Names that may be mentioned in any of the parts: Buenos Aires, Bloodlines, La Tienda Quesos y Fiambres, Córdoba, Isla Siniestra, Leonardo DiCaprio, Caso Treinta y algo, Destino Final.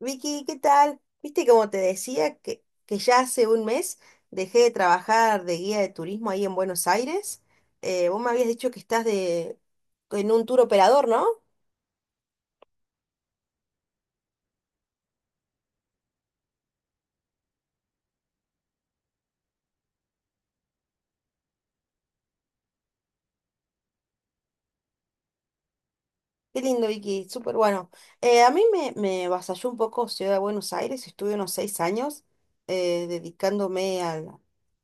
Vicky, ¿qué tal? Viste, como te decía, que ya hace un mes dejé de trabajar de guía de turismo ahí en Buenos Aires. Vos me habías dicho que en un tour operador, ¿no? Qué lindo, Vicky, súper bueno. A mí me avasalló un poco Ciudad de Buenos Aires, estuve unos 6 años eh, dedicándome al-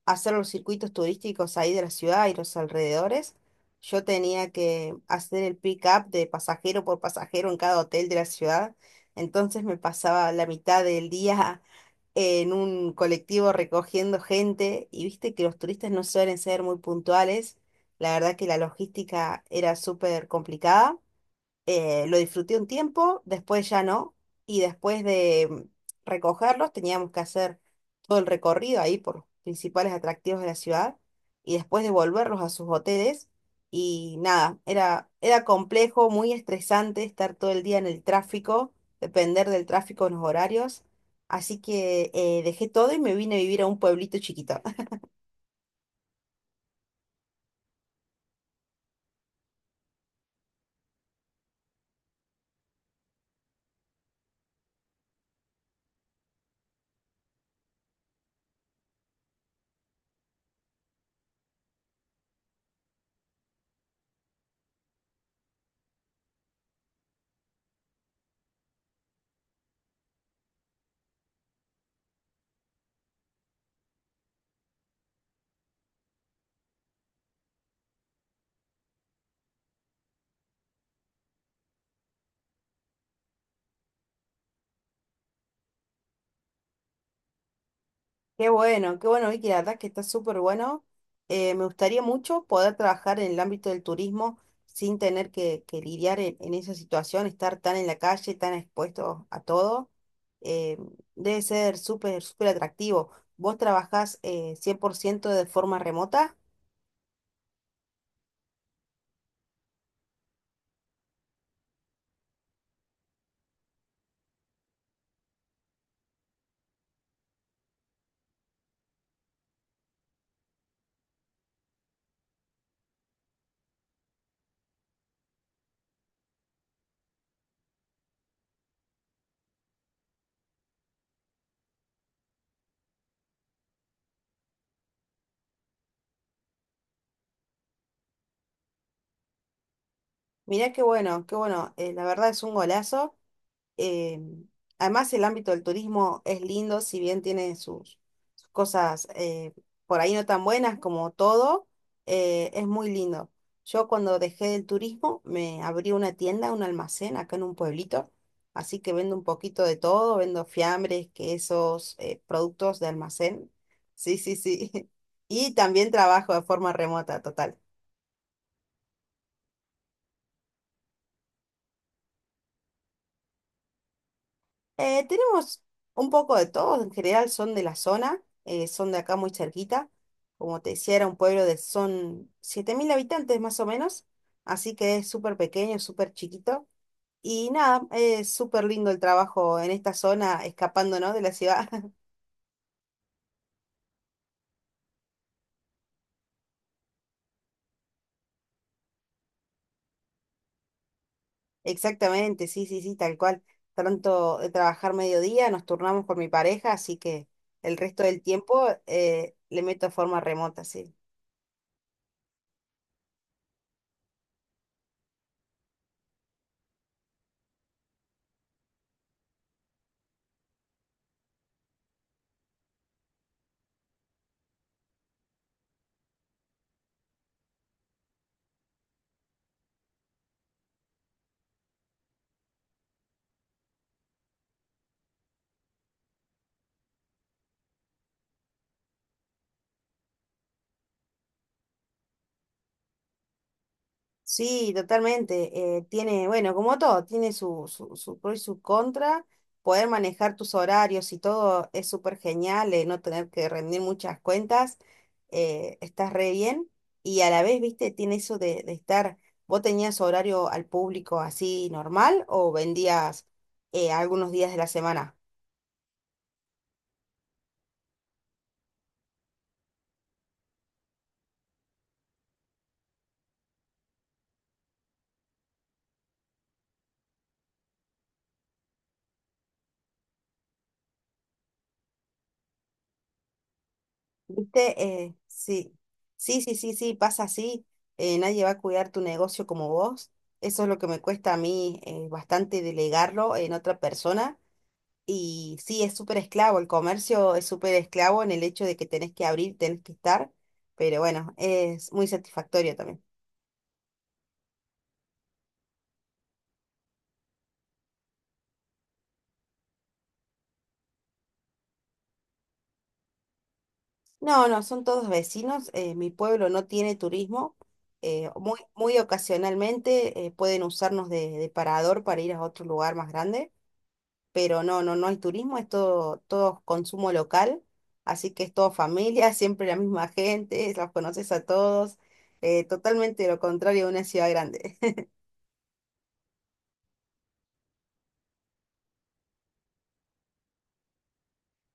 a hacer los circuitos turísticos ahí de la ciudad y los alrededores. Yo tenía que hacer el pick-up de pasajero por pasajero en cada hotel de la ciudad, entonces me pasaba la mitad del día en un colectivo recogiendo gente, y viste que los turistas no suelen ser muy puntuales, la verdad que la logística era súper complicada. Lo disfruté un tiempo, después ya no, y después de recogerlos teníamos que hacer todo el recorrido ahí por los principales atractivos de la ciudad y después devolverlos a sus hoteles. Y nada, era complejo, muy estresante estar todo el día en el tráfico, depender del tráfico en los horarios, así que dejé todo y me vine a vivir a un pueblito chiquito. Qué bueno, Vicky, la verdad que está súper bueno. Me gustaría mucho poder trabajar en el ámbito del turismo sin tener que lidiar en esa situación, estar tan en la calle, tan expuesto a todo. Eh, Debe ser súper, súper atractivo. Vos trabajás 100% de forma remota. Mirá qué bueno, qué bueno. La verdad es un golazo. Eh, Además, el ámbito del turismo es lindo, si bien tiene sus cosas por ahí no tan buenas como todo, es muy lindo. Yo cuando dejé el turismo me abrí una tienda, un almacén acá en un pueblito, así que vendo un poquito de todo, vendo fiambres, quesos, productos de almacén. Sí, sí, sí. Y también trabajo de forma remota, total. Tenemos un poco de todo, en general son de la zona, son de acá muy cerquita. Como te decía, era un pueblo de, son 7000 habitantes más o menos, así que es súper pequeño, súper chiquito. Y nada, es súper lindo el trabajo en esta zona, escapando, ¿no?, de la ciudad. Exactamente, sí, sí, sí, tal cual. Tanto de trabajar mediodía, nos turnamos con mi pareja, así que el resto del tiempo le meto forma remota, sí. Sí, totalmente. Tiene, bueno, como todo, tiene su pro y su contra. Poder manejar tus horarios y todo es súper genial, no tener que rendir muchas cuentas, estás re bien. Y a la vez, viste, tiene eso de estar, ¿vos tenías horario al público así normal o vendías algunos días de la semana? ¿Viste? Sí, sí, pasa así. Nadie va a cuidar tu negocio como vos. Eso es lo que me cuesta a mí bastante delegarlo en otra persona. Y sí, es súper esclavo. El comercio es súper esclavo en el hecho de que tenés que abrir, tenés que estar. Pero bueno, es muy satisfactorio también. No, no, son todos vecinos. Mi pueblo no tiene turismo. Muy, muy ocasionalmente pueden usarnos de parador para ir a otro lugar más grande, pero no, no, no hay turismo, es todo, todo consumo local, así que es todo familia, siempre la misma gente, los conoces a todos, totalmente lo contrario de una ciudad grande.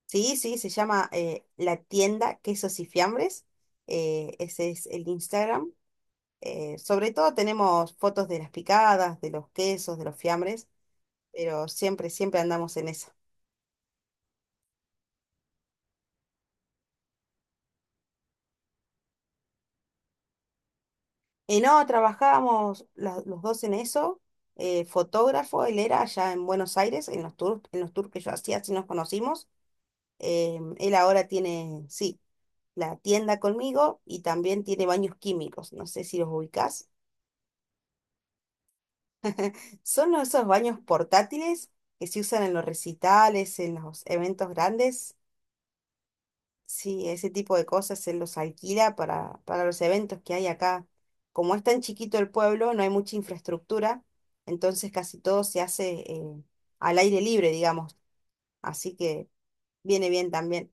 Sí, sí, se llama La Tienda Quesos y Fiambres, ese es el Instagram. Sobre todo tenemos fotos de las picadas, de los quesos, de los fiambres, pero siempre, siempre andamos en esa. Y no, trabajábamos los dos en eso. Fotógrafo, él era allá en Buenos Aires, en los tours que yo hacía, así nos conocimos. Él ahora tiene, sí, la tienda conmigo, y también tiene baños químicos, no sé si los ubicás. Son esos baños portátiles que se usan en los recitales, en los eventos grandes. Sí, ese tipo de cosas se los alquila para los eventos que hay acá. Como es tan chiquito el pueblo, no hay mucha infraestructura, entonces casi todo se hace al aire libre, digamos. Así que viene bien también.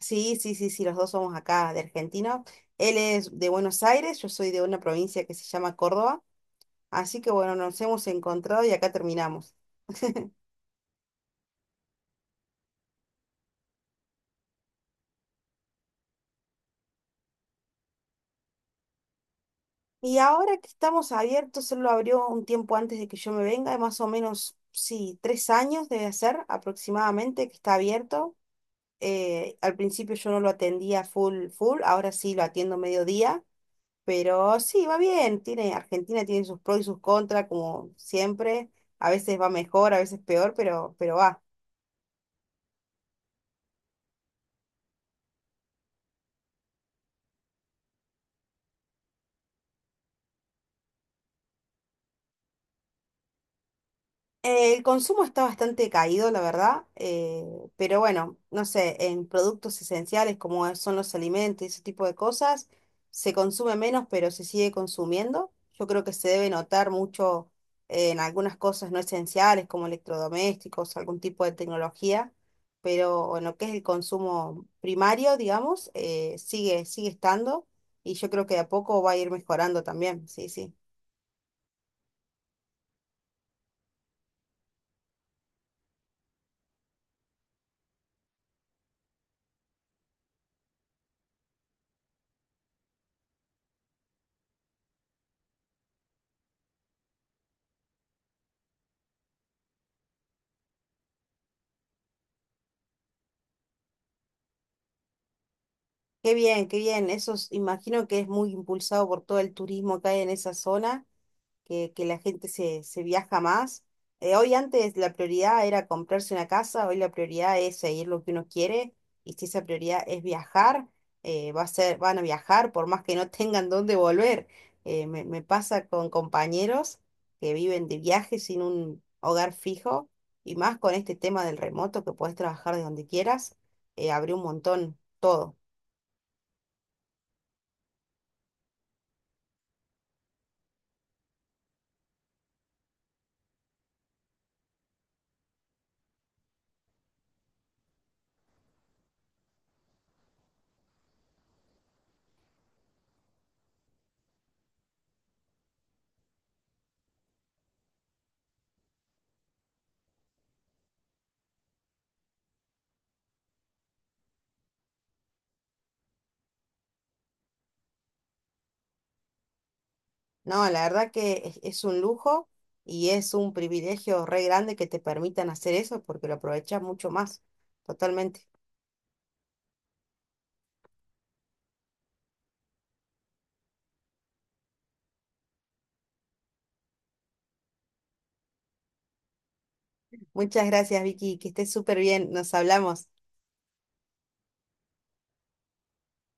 Sí, sí, sí, sí, los dos somos acá de Argentina. Él es de Buenos Aires, yo soy de una provincia que se llama Córdoba. Así que bueno, nos hemos encontrado y acá terminamos. Y ahora que estamos abiertos, él lo abrió un tiempo antes de que yo me venga, más o menos, sí, 3 años debe ser aproximadamente que está abierto. Al principio yo no lo atendía full, full, ahora sí lo atiendo mediodía, pero sí, va bien, tiene, Argentina tiene sus pros y sus contras, como siempre, a veces va mejor, a veces peor, pero va. El consumo está bastante caído, la verdad, pero bueno, no sé, en productos esenciales como son los alimentos y ese tipo de cosas, se consume menos, pero se sigue consumiendo. Yo creo que se debe notar mucho en algunas cosas no esenciales como electrodomésticos, algún tipo de tecnología, pero en lo que es el consumo primario, digamos, sigue, sigue estando, y yo creo que de a poco va a ir mejorando también, sí, sí. Qué bien, qué bien. Eso es- imagino que es muy impulsado por todo el turismo que hay en esa zona, que la gente se viaja más. Hoy antes la prioridad era comprarse una casa, hoy la prioridad es seguir lo que uno quiere, y si esa prioridad es viajar, va a ser, van a viajar por más que no tengan dónde volver. Me pasa con compañeros que viven de viaje sin un hogar fijo, y más con este tema del remoto, que podés trabajar de donde quieras, abrió un montón todo. No, la verdad que es un lujo y es un privilegio re grande que te permitan hacer eso porque lo aprovechas mucho más, totalmente. Muchas gracias, Vicky, que estés súper bien, nos hablamos.